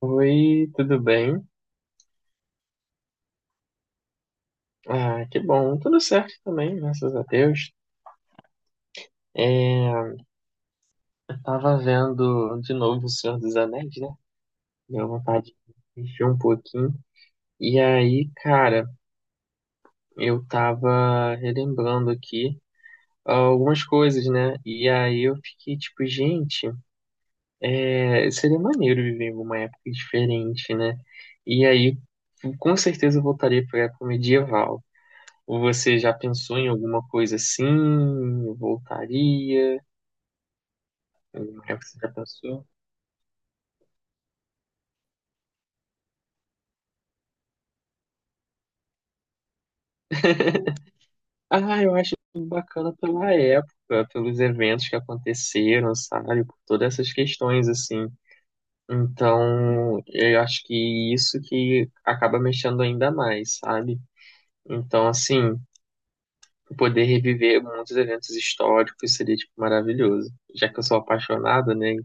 Oi, tudo bem? Ah, que bom, tudo certo também, graças a Deus. É, tava vendo de novo O Senhor dos Anéis, né? Deu vontade de assistir um pouquinho. E aí, cara, eu tava relembrando aqui algumas coisas, né? E aí eu fiquei tipo, gente, seria maneiro viver em uma época diferente, né? E aí, com certeza eu voltaria pra época medieval. Ou você já pensou em alguma coisa assim? Eu voltaria? Alguma coisa que você já pensou? Ah, eu acho bacana pela época, pelos eventos que aconteceram, sabe? Por todas essas questões, assim. Então, eu acho que isso que acaba mexendo ainda mais, sabe? Então, assim, poder reviver muitos eventos históricos seria, tipo, maravilhoso. Já que eu sou apaixonado, né?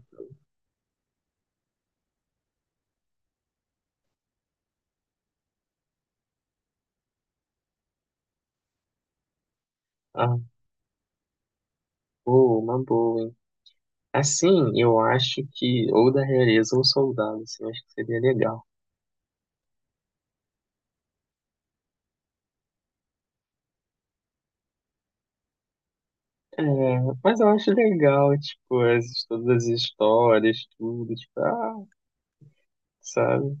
Ah, boa, uma boa, hein? Assim, eu acho que ou da realeza ou soldado, assim, eu acho que seria legal. É, mas eu acho legal, tipo, as, todas as histórias, tudo, tipo, ah, sabe?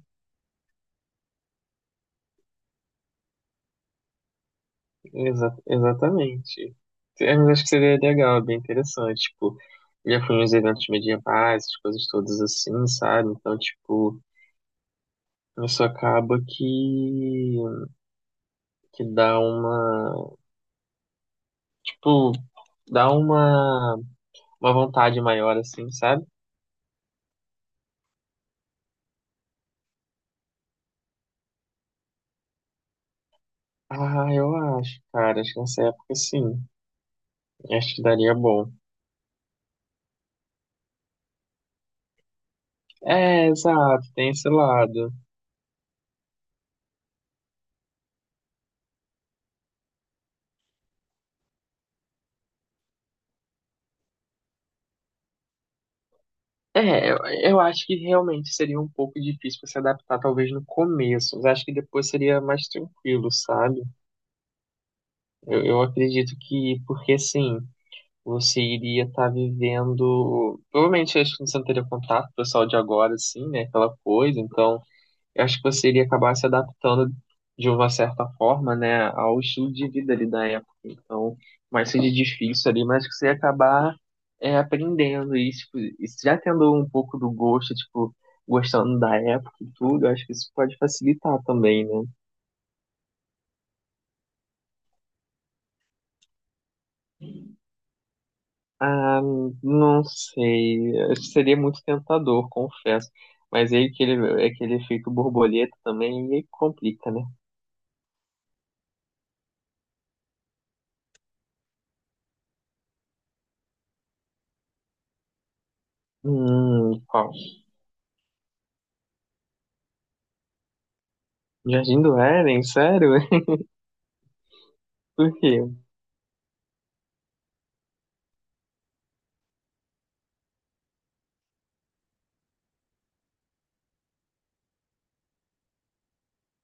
Exatamente. É, mas acho que seria legal, é bem interessante, tipo, já fui nos eventos medievais, essas coisas todas assim, sabe? Então, tipo, isso acaba que dá uma, tipo, dá uma vontade maior, assim, sabe? Ah, eu acho, cara. Acho que nessa época sim. Acho que daria bom. É, exato, tem esse lado. É, eu acho que realmente seria um pouco difícil pra se adaptar, talvez no começo, mas acho que depois seria mais tranquilo, sabe? Eu acredito que, porque assim, você iria estar vivendo. Provavelmente acho que você não teria contato com o pessoal de agora, assim, né? Aquela coisa, então. Eu acho que você iria acabar se adaptando de uma certa forma, né, ao estilo de vida ali da época. Então, mais seja difícil ali, mas que você ia acabar aprendendo e, tipo, e já tendo um pouco do gosto, tipo, gostando da época e tudo, eu acho que isso pode facilitar também, né? Ah, não sei, acho que seria muito tentador, confesso. Mas aí aquele efeito borboleta também, e aí complica, né? Qual? Jardim do Éden, sério? Por quê?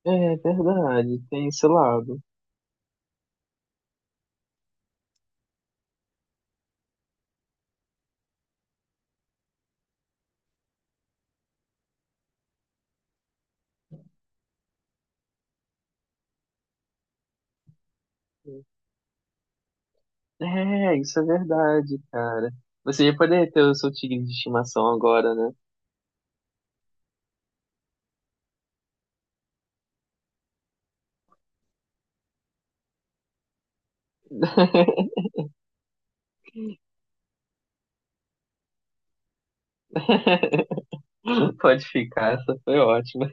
É verdade, tem esse lado. É, isso é verdade, cara. Você ia poder ter o seu tigre de estimação agora, né? Pode ficar, essa foi ótima.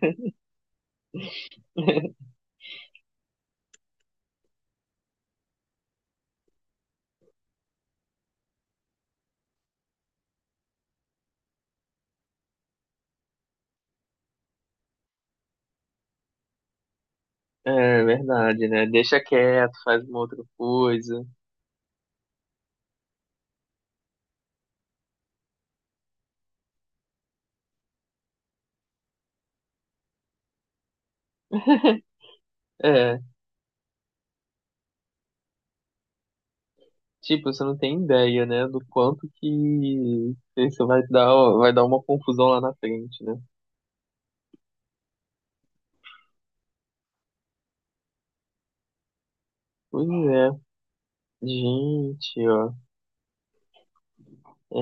É verdade, né? Deixa quieto, faz uma outra coisa. É, tipo, você não tem ideia, né, do quanto que isso vai dar uma confusão lá na frente, né? Pois é, gente, ó,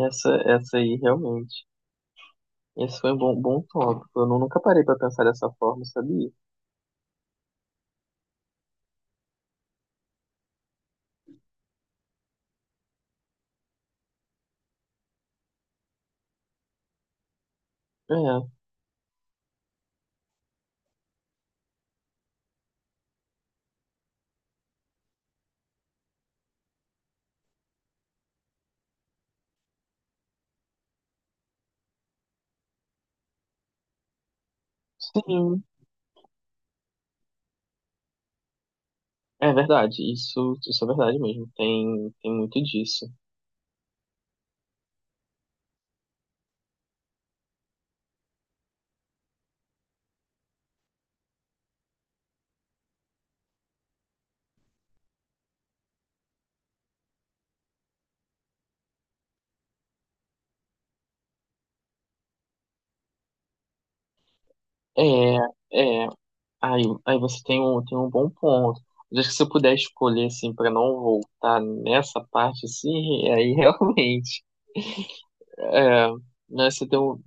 essa aí realmente. Esse foi um bom, bom tópico. Eu nunca parei pra pensar dessa forma, sabia? É, sim, é verdade. Isso é verdade mesmo. Tem muito disso. É, é. Aí você tem um bom ponto. Mas acho que se eu puder escolher, assim, pra não voltar nessa parte, assim, aí realmente. É, né, você tem um.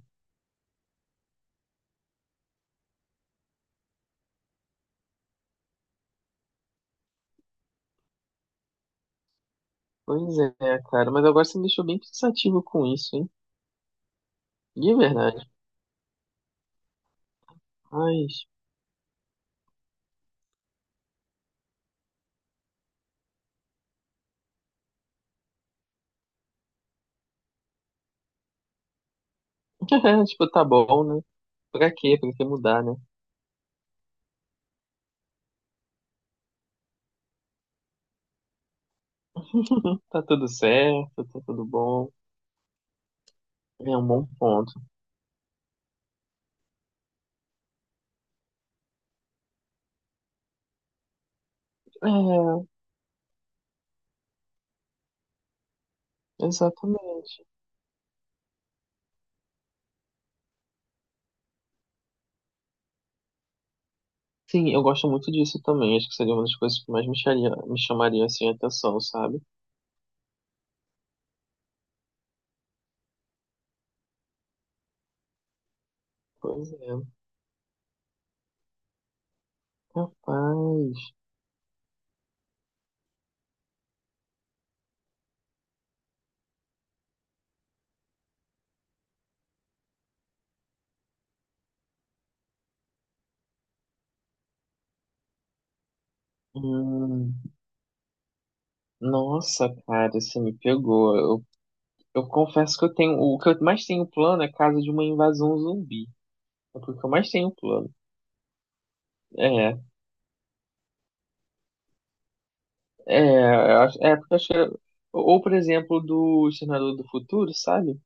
Pois é, cara. Mas agora você me deixou bem pensativo com isso, hein? E é verdade. Mas, tipo, tá bom, né? Pra quê? Pra que mudar, né? Tá tudo certo, tá tudo bom. É um bom ponto. É, exatamente. Sim, eu gosto muito disso também. Acho que seria uma das coisas que mais me chamaria assim a atenção, sabe? Pois é. Rapaz. Hum, nossa, cara, você me pegou. Eu confesso que eu tenho. O que eu mais tenho plano é caso de uma invasão zumbi. É porque eu mais tenho plano. É, eu acho. É porque eu acho que. Ou, por exemplo, do Exterminador do Futuro, sabe?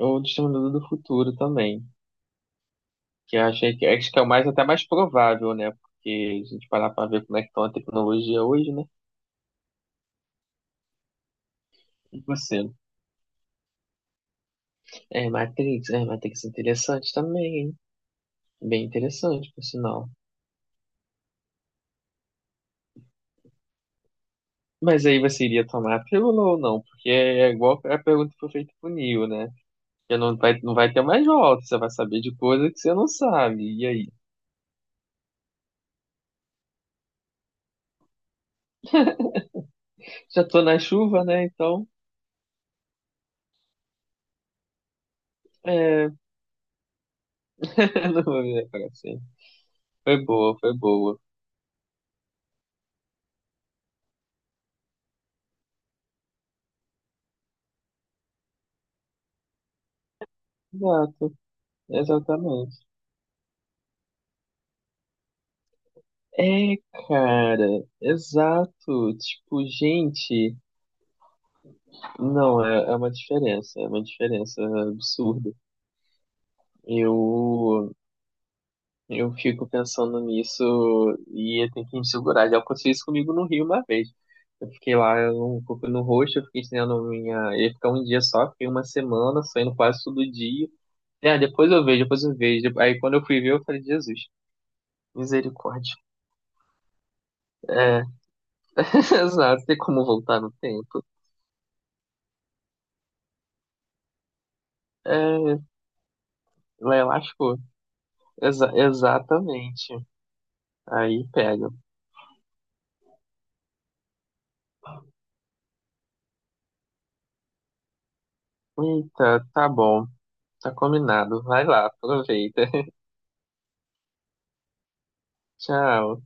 Ou do Exterminador do Futuro também. Que eu achei que, é, acho que é o mais até mais provável, né? Porque a gente parar pra ver como é que tá a tecnologia hoje, né? E você? É, Matrix, é, Matrix é interessante também, hein? Bem interessante, por sinal. Mas aí você iria tomar a pílula ou não? Porque é é igual a pergunta que foi feita pro Neo, né? Porque não vai ter mais volta, você vai saber de coisa que você não sabe. E aí? Já tô na chuva, né? Então, é... não vou virar pra sempre. Foi boa. Exato, exatamente. É, cara, exato. Tipo, gente, não, é uma diferença absurda. Eu, eu fico pensando nisso e eu tenho que me segurar. Já aconteceu isso comigo no Rio uma vez. Eu fiquei lá um pouco no roxo, eu fiquei estendendo minha. Eu ia ficar um dia só, fiquei uma semana saindo quase todo dia. É, depois eu vejo. Aí quando eu fui ver, eu falei, Jesus, misericórdia. É, exato, tem como voltar no tempo. É, lá eu acho. Exatamente. Aí pega. Eita, tá bom. Tá combinado. Vai lá, aproveita. Tchau.